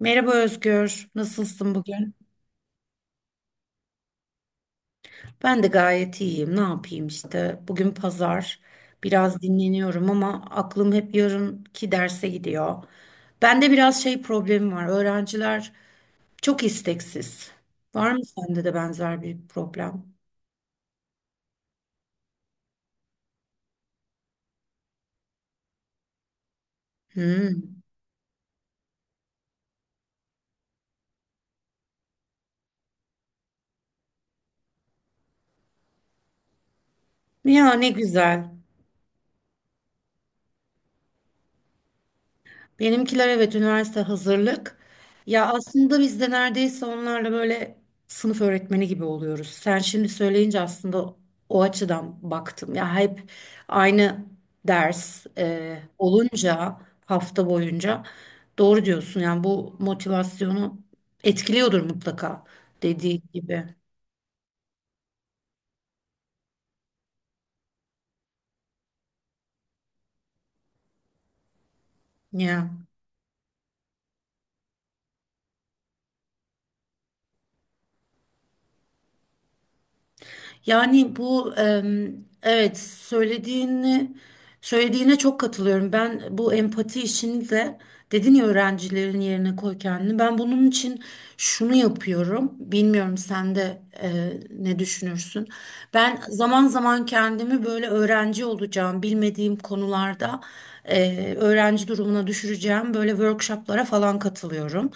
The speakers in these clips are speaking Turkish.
Merhaba Özgür, nasılsın bugün? Ben de gayet iyiyim. Ne yapayım işte? Bugün pazar. Biraz dinleniyorum ama aklım hep yarınki derse gidiyor. Bende biraz şey problemi var. Öğrenciler çok isteksiz. Var mı sende de benzer bir problem? Hmm. Ya ne güzel. Benimkiler, evet, üniversite hazırlık. Ya aslında biz de neredeyse onlarla böyle sınıf öğretmeni gibi oluyoruz. Sen şimdi söyleyince aslında o açıdan baktım. Ya hep aynı ders olunca hafta boyunca doğru diyorsun. Yani bu motivasyonu etkiliyordur mutlaka dediğin gibi. Ya. Yani bu, evet, söylediğine çok katılıyorum. Ben bu empati işini de dedin ya öğrencilerin yerine koy kendini. Ben bunun için şunu yapıyorum. Bilmiyorum sen de ne düşünürsün. Ben zaman zaman kendimi böyle öğrenci olacağım bilmediğim konularda öğrenci durumuna düşüreceğim böyle workshoplara falan katılıyorum.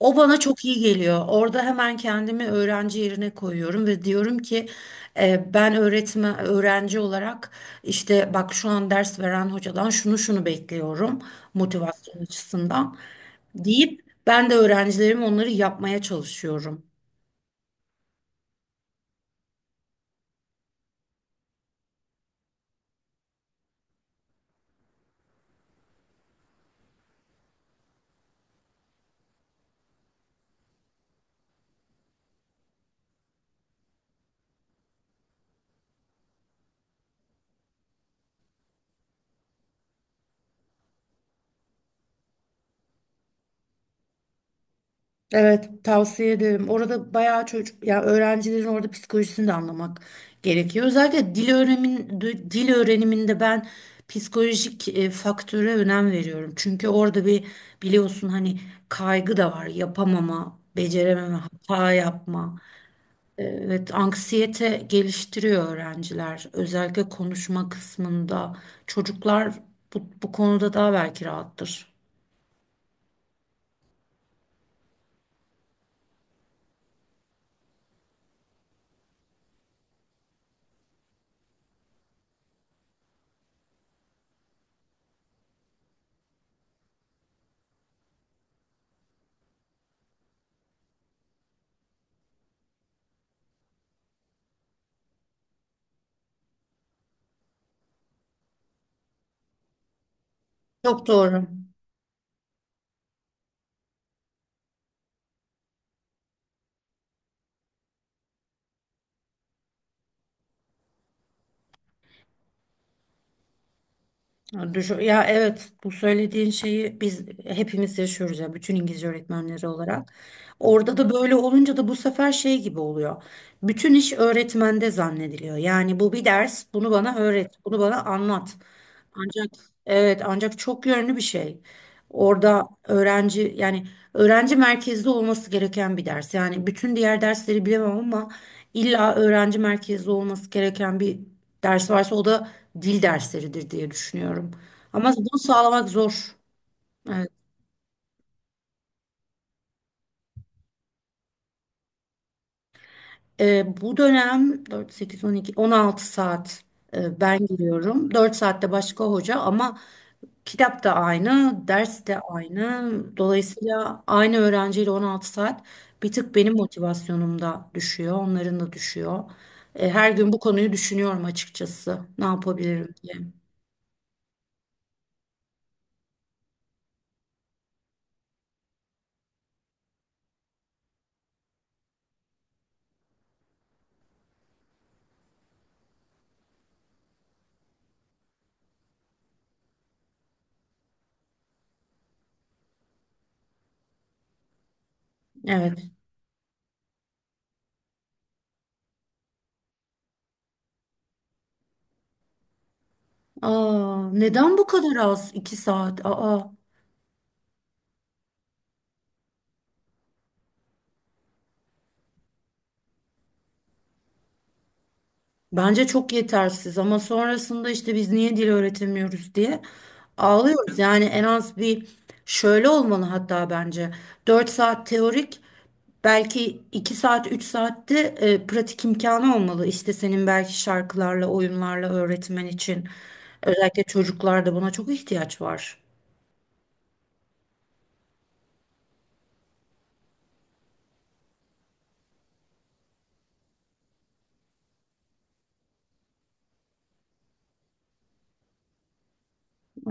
O bana çok iyi geliyor. Orada hemen kendimi öğrenci yerine koyuyorum ve diyorum ki ben öğretmen öğrenci olarak işte bak şu an ders veren hocadan şunu şunu bekliyorum motivasyon açısından deyip ben de öğrencilerim onları yapmaya çalışıyorum. Evet, tavsiye ederim. Orada bayağı çocuk, yani öğrencilerin orada psikolojisini de anlamak gerekiyor. Özellikle dil öğrenin, dil öğreniminde ben psikolojik faktöre önem veriyorum. Çünkü orada bir biliyorsun hani kaygı da var, yapamama, becerememe, hata yapma. Evet, anksiyete geliştiriyor öğrenciler. Özellikle konuşma kısmında çocuklar bu konuda daha belki rahattır. Çok doğru. Ya evet, bu söylediğin şeyi biz hepimiz yaşıyoruz ya, bütün İngilizce öğretmenleri olarak. Orada da böyle olunca da bu sefer şey gibi oluyor. Bütün iş öğretmende zannediliyor. Yani bu bir ders, bunu bana öğret, bunu bana anlat. Ancak evet, ancak çok yönlü bir şey. Orada öğrenci, yani öğrenci merkezli olması gereken bir ders. Yani bütün diğer dersleri bilemem ama illa öğrenci merkezli olması gereken bir ders varsa, o da dil dersleridir diye düşünüyorum. Ama bunu sağlamak zor. Evet. Bu dönem 4, 8, 12, 16 saat ben giriyorum. 4 saatte başka hoca ama kitap da aynı, ders de aynı. Dolayısıyla aynı öğrenciyle 16 saat, bir tık benim motivasyonum da düşüyor, onların da düşüyor. Her gün bu konuyu düşünüyorum açıkçası. Ne yapabilirim diye. Evet. Aa, neden bu kadar az? 2 saat. Aa. Bence çok yetersiz ama sonrasında işte biz niye dil öğretemiyoruz diye ağlıyoruz. Yani en az bir, şöyle olmalı hatta bence: 4 saat teorik, belki 2 saat 3 saatte pratik imkanı olmalı. İşte senin belki şarkılarla oyunlarla öğretmen için, özellikle çocuklarda buna çok ihtiyaç var.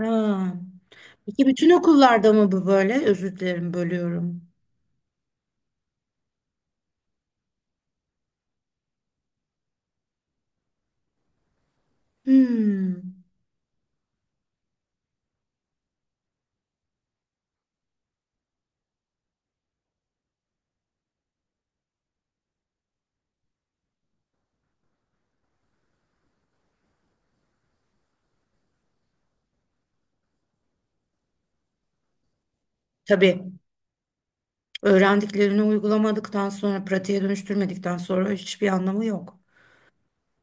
Aa, peki bütün okullarda mı bu böyle? Özür dilerim, bölüyorum. Hmm. Tabii. Öğrendiklerini uygulamadıktan sonra, pratiğe dönüştürmedikten sonra hiçbir anlamı yok.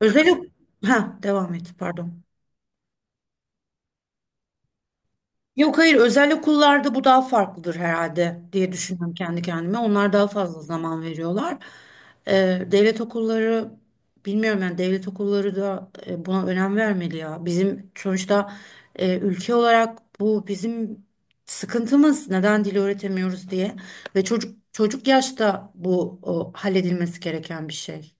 Özel ok- ha, devam et, pardon. Yok, hayır, özel okullarda bu daha farklıdır herhalde diye düşünüyorum kendi kendime. Onlar daha fazla zaman veriyorlar. Devlet okulları bilmiyorum, yani devlet okulları da buna önem vermeli ya. Bizim sonuçta ülke olarak bu bizim sıkıntımız, neden dil öğretemiyoruz diye, ve çocuk çocuk yaşta bu halledilmesi gereken bir şey.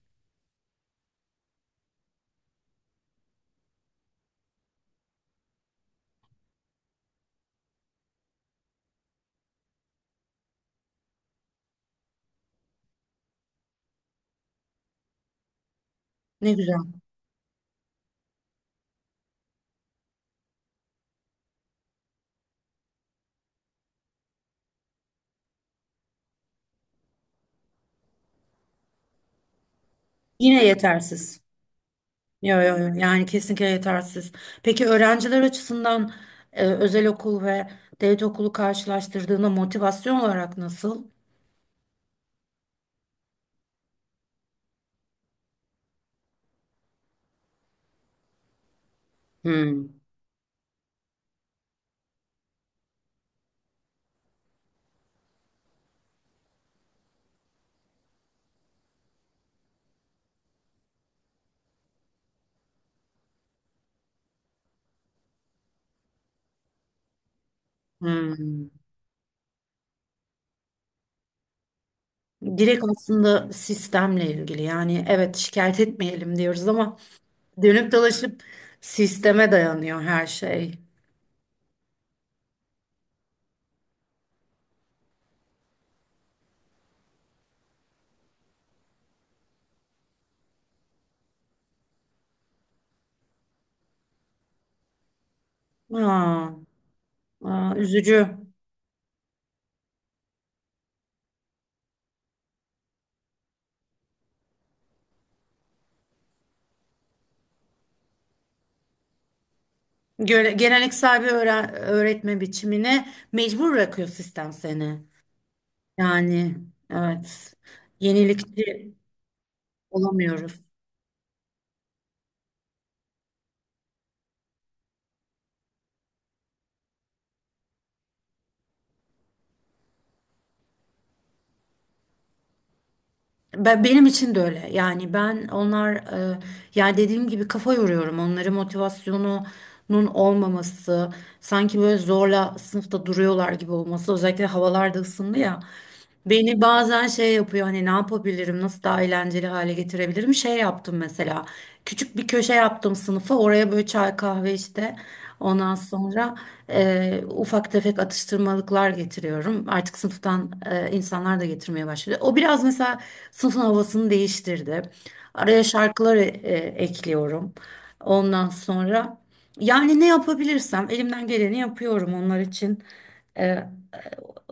Ne güzel. Yine yetersiz. Yo, yo, yo. Yani kesinlikle yetersiz. Peki öğrenciler açısından özel okul ve devlet okulu karşılaştırdığında motivasyon olarak nasıl? Hmm. Hmm. Direkt aslında sistemle ilgili. Yani evet, şikayet etmeyelim diyoruz ama dönüp dolaşıp sisteme dayanıyor her şey. Aa, aa, üzücü. Geleneksel bir öğretme biçimine mecbur bırakıyor sistem seni. Yani evet. Yenilikçi olamıyoruz. Benim için de öyle. Yani ben onlar e, yani dediğim gibi kafa yoruyorum. Onların motivasyonunun olmaması, sanki böyle zorla sınıfta duruyorlar gibi olması. Özellikle havalar da ısındı ya. Beni bazen şey yapıyor, hani ne yapabilirim, nasıl daha eğlenceli hale getirebilirim. Şey yaptım mesela, küçük bir köşe yaptım sınıfa, oraya böyle çay kahve işte. Ondan sonra ufak tefek atıştırmalıklar getiriyorum artık sınıftan. E, insanlar da getirmeye başladı, o biraz mesela sınıfın havasını değiştirdi. Araya şarkılar ekliyorum. Ondan sonra yani ne yapabilirsem elimden geleni yapıyorum onlar için,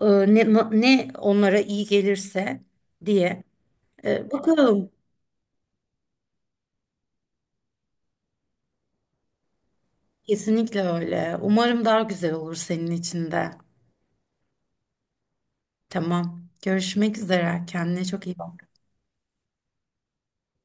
e, ne onlara iyi gelirse diye. Bakalım. Kesinlikle öyle. Umarım daha güzel olur senin için de. Tamam. Görüşmek üzere. Kendine çok iyi bak.